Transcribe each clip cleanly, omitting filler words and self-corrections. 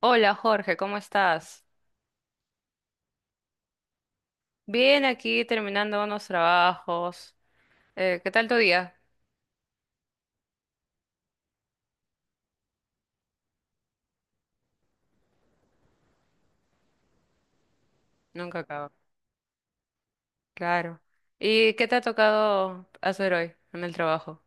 Hola Jorge, ¿cómo estás? Bien, aquí terminando unos trabajos. ¿Qué tal tu día? Nunca acaba. Claro. ¿Y qué te ha tocado hacer hoy en el trabajo?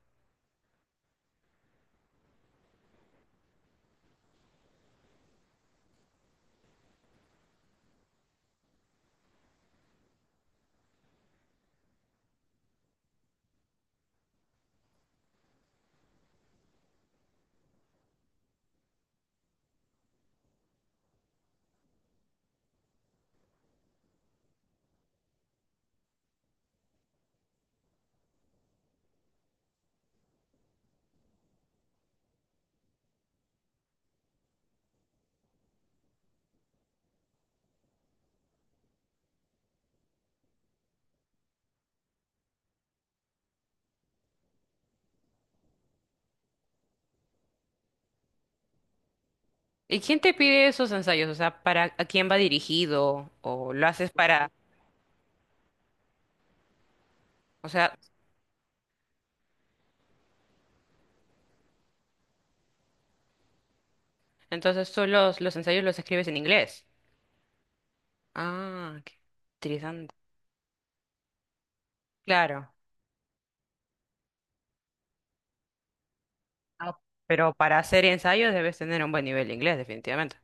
¿Y quién te pide esos ensayos? O sea, ¿para a quién va dirigido? ¿O lo haces para...? O sea, entonces tú los ensayos los escribes en inglés. Ah, qué interesante. Claro. Ah, pero para hacer ensayos debes tener un buen nivel de inglés, definitivamente.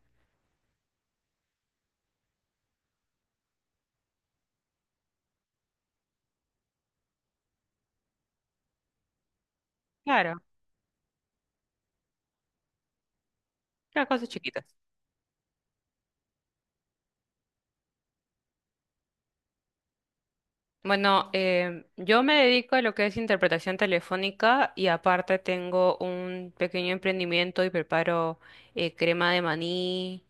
Claro, claro, cosas chiquitas. Bueno, yo me dedico a lo que es interpretación telefónica y aparte tengo un pequeño emprendimiento y preparo crema de maní,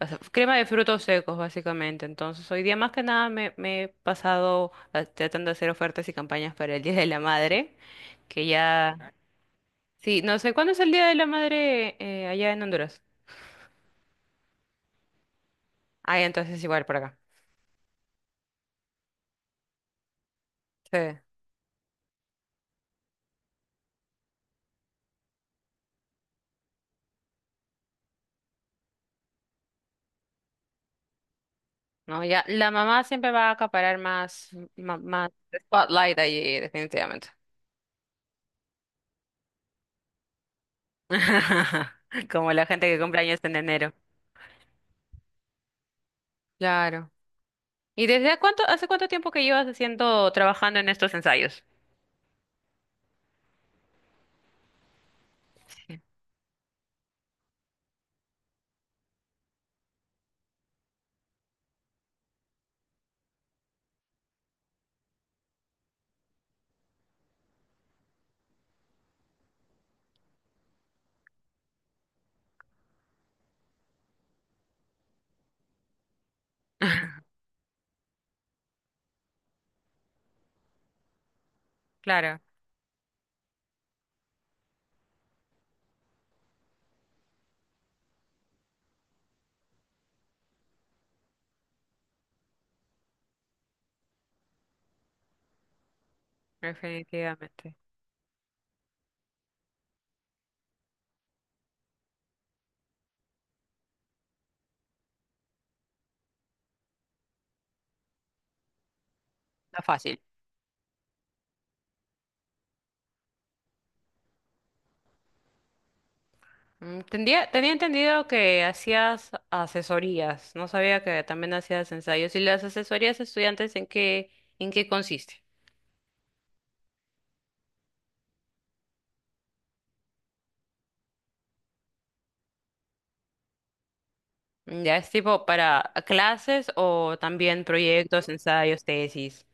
o sea, crema de frutos secos básicamente. Entonces, hoy día más que nada me he pasado tratando de hacer ofertas y campañas para el Día de la Madre, que ya... Sí, no sé, ¿cuándo es el Día de la Madre allá en Honduras? Ah, ya, entonces igual por acá. Sí. No, ya, la mamá siempre va a acaparar más, más spotlight allí, definitivamente. Como la gente que cumple años en enero. Claro. ¿Y desde a cuánto, hace cuánto tiempo que llevas haciendo, trabajando en estos ensayos? Claro, definitivamente. No es fácil. Tenía entendido que hacías asesorías, no sabía que también hacías ensayos. ¿Y las asesorías a estudiantes en qué consiste? Mm, ¿ya es tipo para clases o también proyectos, ensayos, tesis?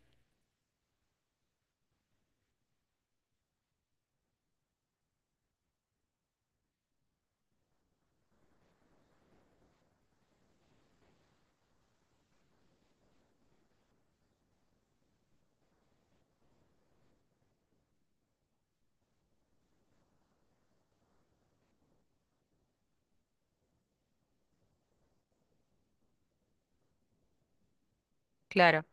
Claro.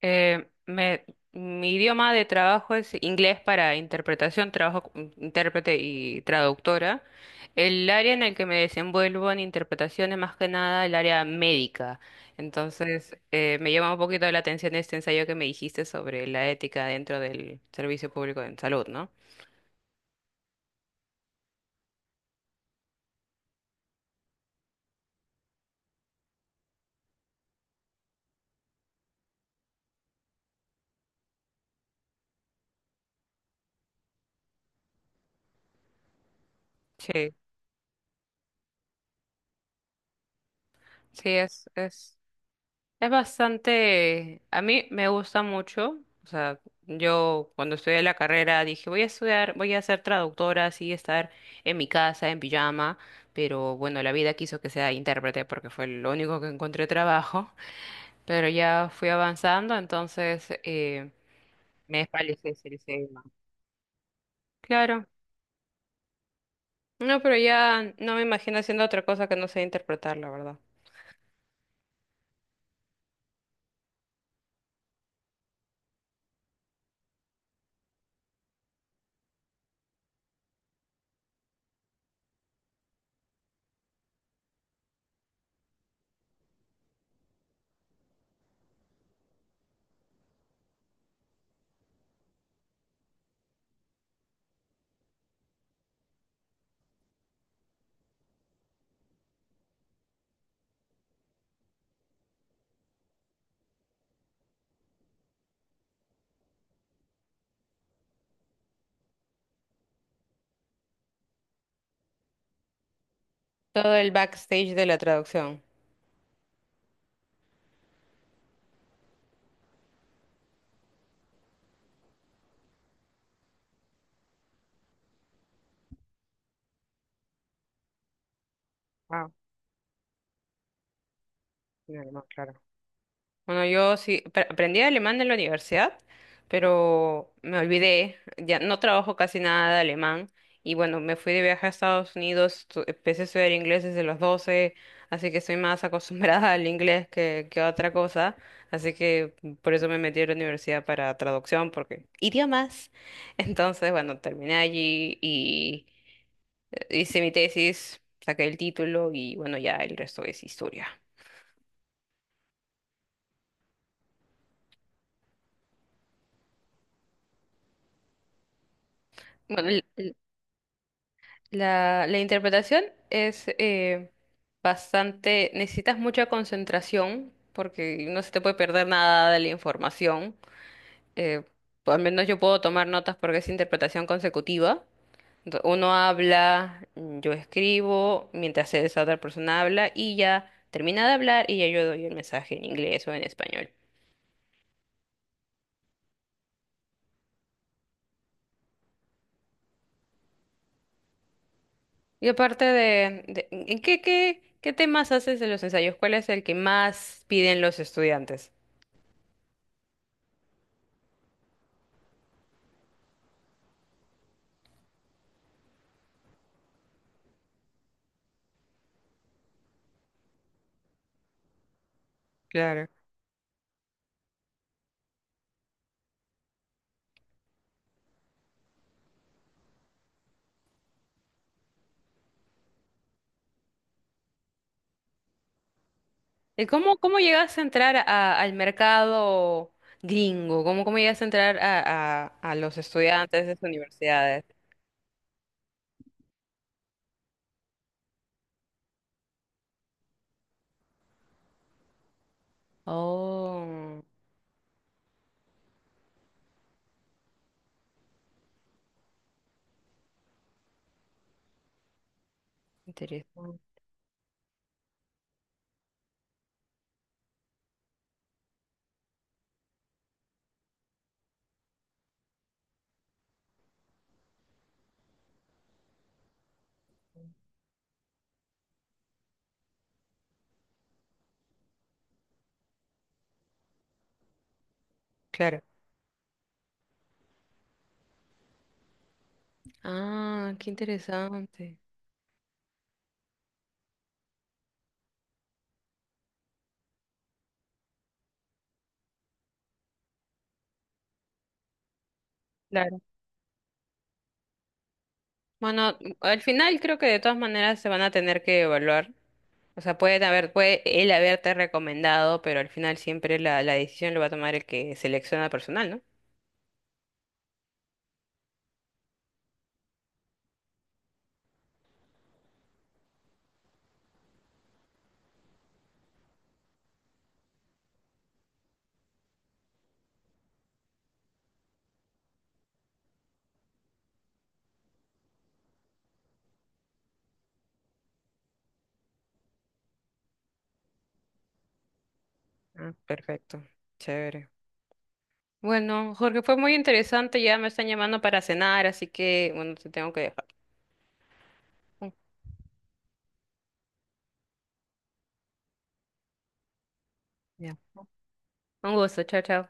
Eh, me- mi idioma de trabajo es inglés para interpretación, trabajo como intérprete y traductora. El área en el que me desenvuelvo en interpretación es más que nada el área médica. Entonces, me llama un poquito la atención este ensayo que me dijiste sobre la ética dentro del servicio público en salud, ¿no? Sí, sí, es bastante, a mí me gusta mucho, o sea, yo cuando estudié la carrera dije, voy a estudiar, voy a ser traductora, así estar en mi casa, en pijama, pero bueno, la vida quiso que sea intérprete porque fue lo único que encontré trabajo, pero ya fui avanzando, me despalicé, se dice, ¿no? Claro, no, pero ya no me imagino haciendo otra cosa que no sea interpretar, la verdad. Todo el backstage de la traducción. Ah, no, no, claro. Bueno, yo sí aprendí alemán en la universidad, pero me olvidé, ya no trabajo casi nada de alemán y bueno, me fui de viaje a Estados Unidos, empecé a estudiar inglés desde los 12, así que estoy más acostumbrada al inglés que a otra cosa, así que por eso me metí a la universidad para traducción, porque idiomas. Entonces, bueno, terminé allí y hice mi tesis, saqué el título y bueno, ya el resto es historia. Bueno, la interpretación es bastante, necesitas mucha concentración porque no se te puede perder nada de la información. Eh, pues, al menos yo puedo tomar notas porque es interpretación consecutiva. Uno habla, yo escribo, mientras esa otra persona habla y ya termina de hablar y ya yo doy el mensaje en inglés o en español. Y aparte ¿en qué temas haces en los ensayos? ¿Cuál es el que más piden los estudiantes? Claro. ¿Y cómo llegas a entrar al mercado gringo? Cómo llegas a entrar a los estudiantes de las universidades? Oh, interesante. Claro. Ah, qué interesante. Claro. Bueno, al final creo que de todas maneras se van a tener que evaluar. O sea, puede haber, puede él haberte recomendado, pero al final siempre la decisión lo va a tomar el que selecciona personal, ¿no? Ah, perfecto. Chévere. Bueno, Jorge, fue muy interesante. Ya me están llamando para cenar, así que, bueno, te tengo que dejar. Mm, ya. Un gusto, chao, chao.